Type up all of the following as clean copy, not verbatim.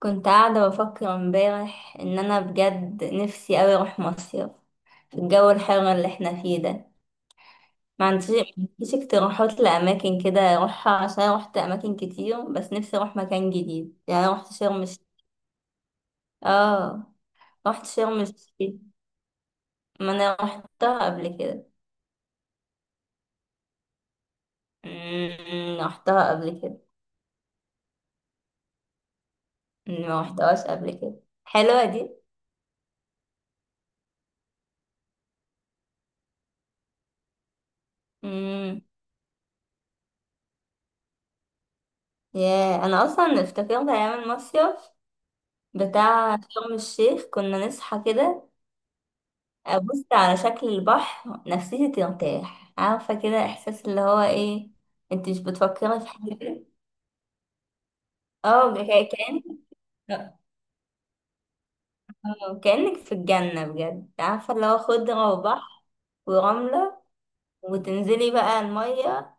كنت قاعدة بفكر امبارح ان انا بجد نفسي اوي اروح مصيف في الجو الحر اللي احنا فيه ده. ما عنديش اقتراحات لاماكن كده اروحها، عشان أنا روحت اماكن كتير، بس نفسي اروح مكان جديد يعني. أنا روحت شرم الشيخ. اه. روحت شرم الشيخ، ما انا روحتها قبل كده. أمم، روحتها قبل كده. ما روحتهاش قبل كده، حلوة دي. امم يا، انا اصلا افتكرت ايام المصيف بتاع شرم الشيخ، كنا نصحى كده. أبص على شكل البحر، نفسيتي ترتاح، عارفة كده إحساس اللي هو إيه. أنت مش بتفكري في حاجة. اه، اه كأنك في الجنة بجد، عارفة اللي هو خضرة وبحر. ورملة. وتنزلي بقى المية.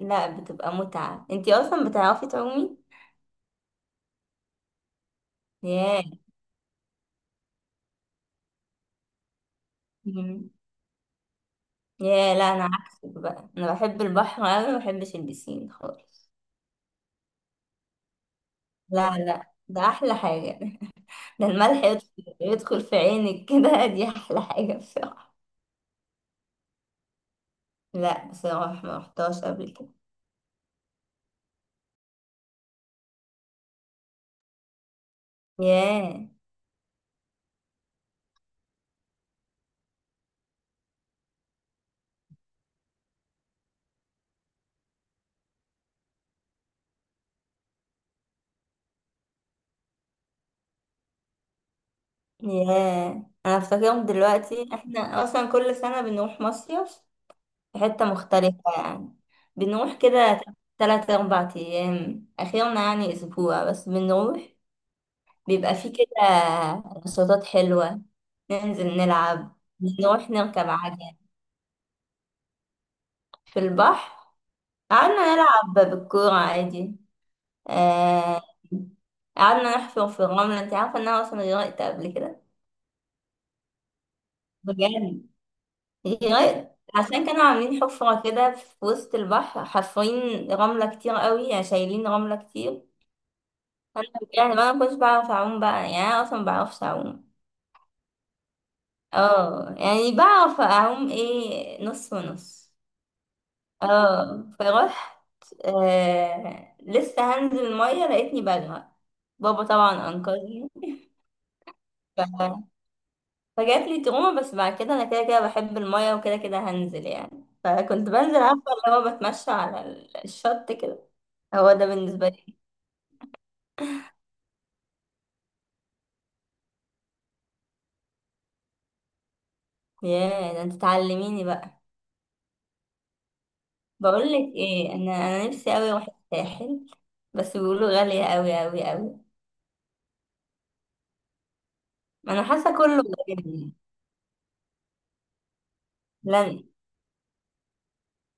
لا، بتبقى متعة. أنت أصلا بتعرفي تعومي؟ ياه. مم. ياه، لا أنا عكسك بقى، أنا بحب البحر أوي، مبحبش البسين خالص. لا، لا، ده احلى حاجة. ده الملح يدخل في عينك كده. دي احلى حاجة بصراحة. لا بصراحة، ما رحتهاش قبل كده. ياه. ياه، انا افتكرهم دلوقتي. احنا اصلا كل سنة بنروح مصيف في حتة مختلفة يعني، بنروح كده تلات اربع ايام، اخيرا يعني اسبوع بس بنروح. بيبقى فيه كده نشاطات حلوة، ننزل نلعب، نروح نركب عجل. في البحر، قعدنا نلعب بالكورة عادي. آه، قعدنا نحفر في الرملة. انت عارفة ان انا اصلا غرقت قبل كده؟ بجد، غرقت عشان كانوا عاملين حفرة كده في وسط البحر، حافرين رملة كتير قوي يعني، شايلين رملة كتير. انا يعني، انا ما كنتش بعرف اعوم بقى، يعني انا اصلا ما بعرفش اعوم. اه يعني بعرف اعوم ايه، نص ونص. اه فرحت. لسه هنزل المية لقيتني بغرق. بابا طبعا انقذني. ف- فجات لي تروما، بس بعد كده انا كده كده بحب المية وكده كده هنزل يعني، فكنت بنزل، عارفة اللي هو بتمشى على الشط كده. هو ده بالنسبة لي. ياه، ده انت تعلميني بقى. بقول لك ايه، انا نفسي قوي اروح الساحل، بس بيقولوا غالية قوي قوي قوي. انا حاسة كله غالي. لا،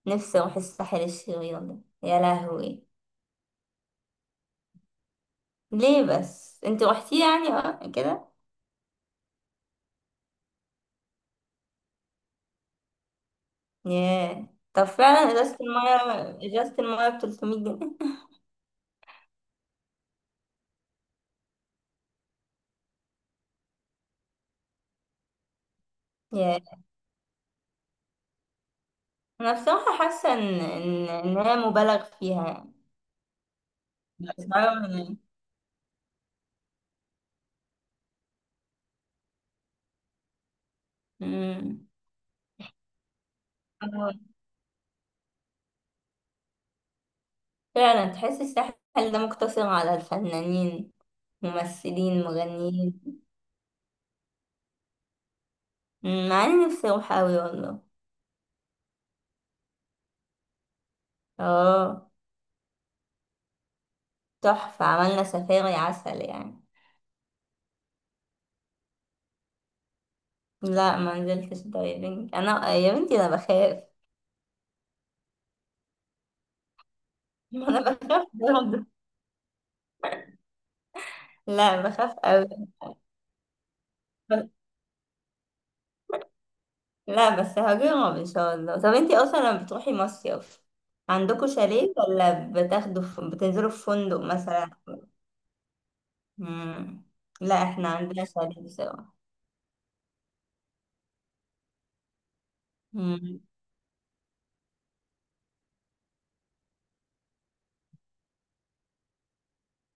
نفسي اروح الساحل الشرير ده. يا لهوي. ليه بس انت روحتي يعني اه كده؟ ياه. طب فعلا، ازازة المية ازازة المية ب 300 جنيه؟ ياه، انا بصراحة حاسة ان ان إن هي مبالغ فيها يعني، بس عموماً يعني. أمم. فعلا تحس الساحل ده مقتصر على الفنانين، ممثلين، مغنيين. أمم، مع اني نفسي اروح اوي والله. اه، تحفة، عملنا سفاري عسل يعني. لا ما نزلتش دايفنج، انا يا بنتي انا بخاف. ما انا بخاف برضه. لا بخاف اوي. لا بس هجيبهم ان شاء الله. طب انتي اصلا لما بتروحي مصيف، عندكوا شاليه ولا بتنزلوا في فندق مثلا؟ مم. لا احنا عندنا شاليه سوا. مم.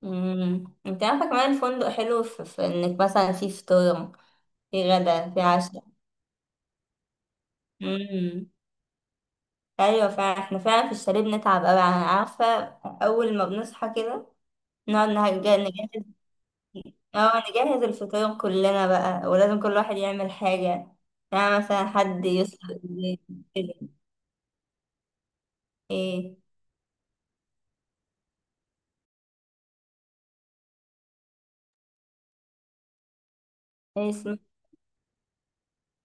مم. انت عارفه كمان الفندق حلو في انك مثلا، في فطور، في غدا، في عشاء. مم. ايوه فعلا، احنا فعلا في الشاليه بنتعب قوي، عارفه. اول ما بنصحى كده، نقعد نجهز. اه، نجهز الفطور كلنا بقى، ولازم كل واحد يعمل حاجة، يعني مثلا حد يسلق البيض كده. ايه؟ ايه اسمه؟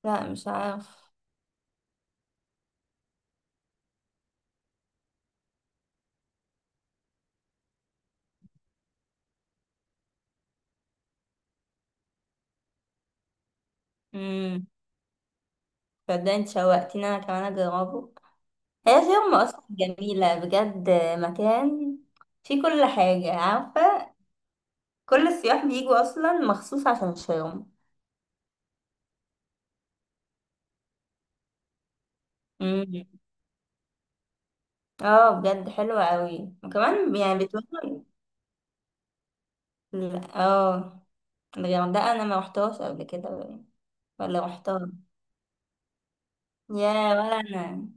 لا مش عارف. امم صدقني انت شوقتيني انا كمان اجربه. هي فيرما اصلا جميلة بجد. مكان فيه كل حاجة، عارفة. كل السياح بيجوا اصلا مخصوص عشان شرم. امم. اه بجد حلوة قوي، وكمان يعني بتوفر. اه، الغردقة انا ما رحتهاش قبل كده. ولا رحتها. يا، ولا انا،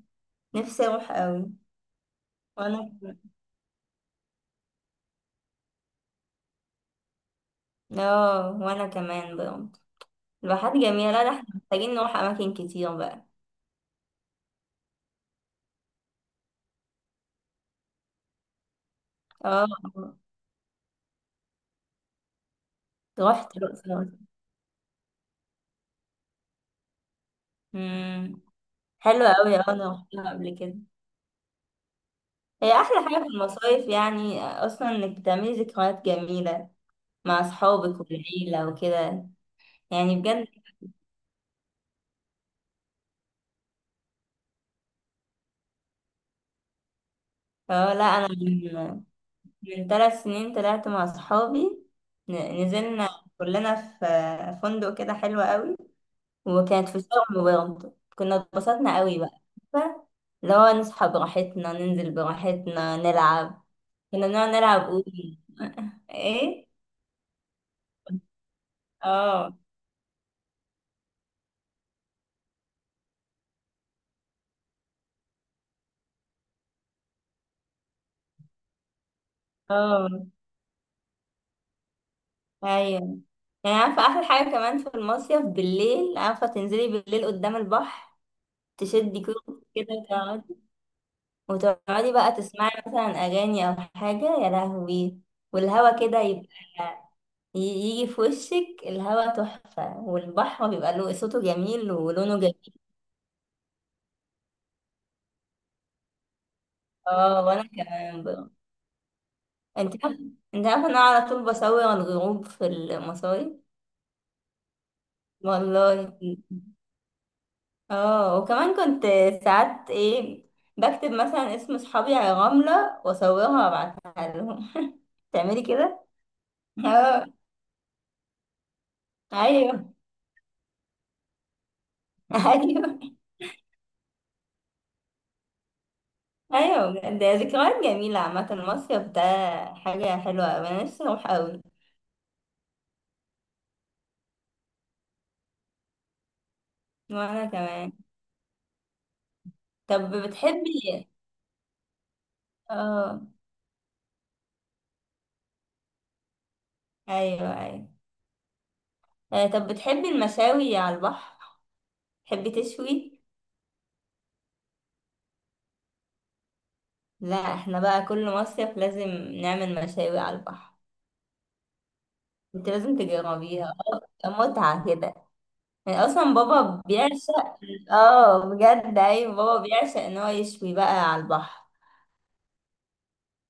نفسي اروح قوي. وانا كمان. اه وانا كمان برضه، الواحات جميله. لا، لا، احنا محتاجين نروح اماكن كتير بقى. اه رحت الاقصر. امم. حلوه قوي، اه انا رحتها قبل كده. هي احلى حاجه في المصايف يعني، اصلا انك بتعملي ذكريات جميله مع اصحابك والعيله وكده. يعني بجد. اه، لا انا من ثلاث سنين طلعت مع اصحابي. نزلنا كلنا في فندق كده حلو قوي. وكانت في شرم برضه، كنا اتبسطنا قوي بقى. عارفة؟ اللي هو نصحى براحتنا، ننزل براحتنا نلعب. كنا نقعد نلعب أونو. ايه؟ اه، اه، ايوه. يعني عارفة، احلى حاجة كمان في المصيف بالليل، عارفة تنزلي بالليل قدام البحر، تشدي كروب كده وتقعدي. وتقعدي بقى تسمعي مثلا اغاني او حاجة، يا لهوي. والهوا كده يبقى، يجي في وشك الهوا تحفة، والبحر بيبقى له صوته جميل ولونه جميل. اه، وانا كمان بقى. انت عارف انت عارف انا على طول بصور الغروب في المصايف. والله. اه وكمان كنت ساعات ايه، بكتب مثلا اسم صحابي على رملة واصورها وابعتها لهم. تعملي كده؟ اه. ايوه. ايوه، ايوه، بجد. ده ذكريات جميلة عامة المصيف ده، حاجة حلوة أوي. انا نفسي اروح اوي. وانا كمان. طب بتحبي اه، ايوه، ايوه، طب بتحبي المشاوي على البحر؟ تحبي تشوي؟ لا احنا بقى كل مصيف لازم نعمل مشاوي على البحر. انت لازم تجربيها. متعة كده. يعني اصلا بابا بيعشق. اه بجد، ايوه، بابا بيعشق ان هو يشوي بقى على البحر.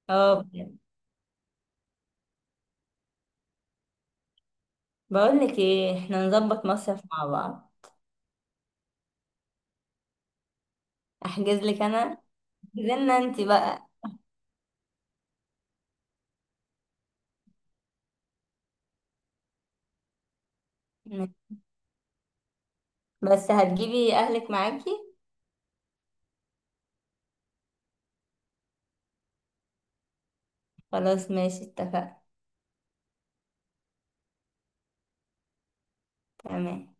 اه بجد. بقول لك ايه، احنا نظبط مصيف مع بعض. احجز لك انا. احجزلنا انت بقى. بس هتجيبي اهلك معاكي. خلاص، ماشي، اتفقنا. تمام.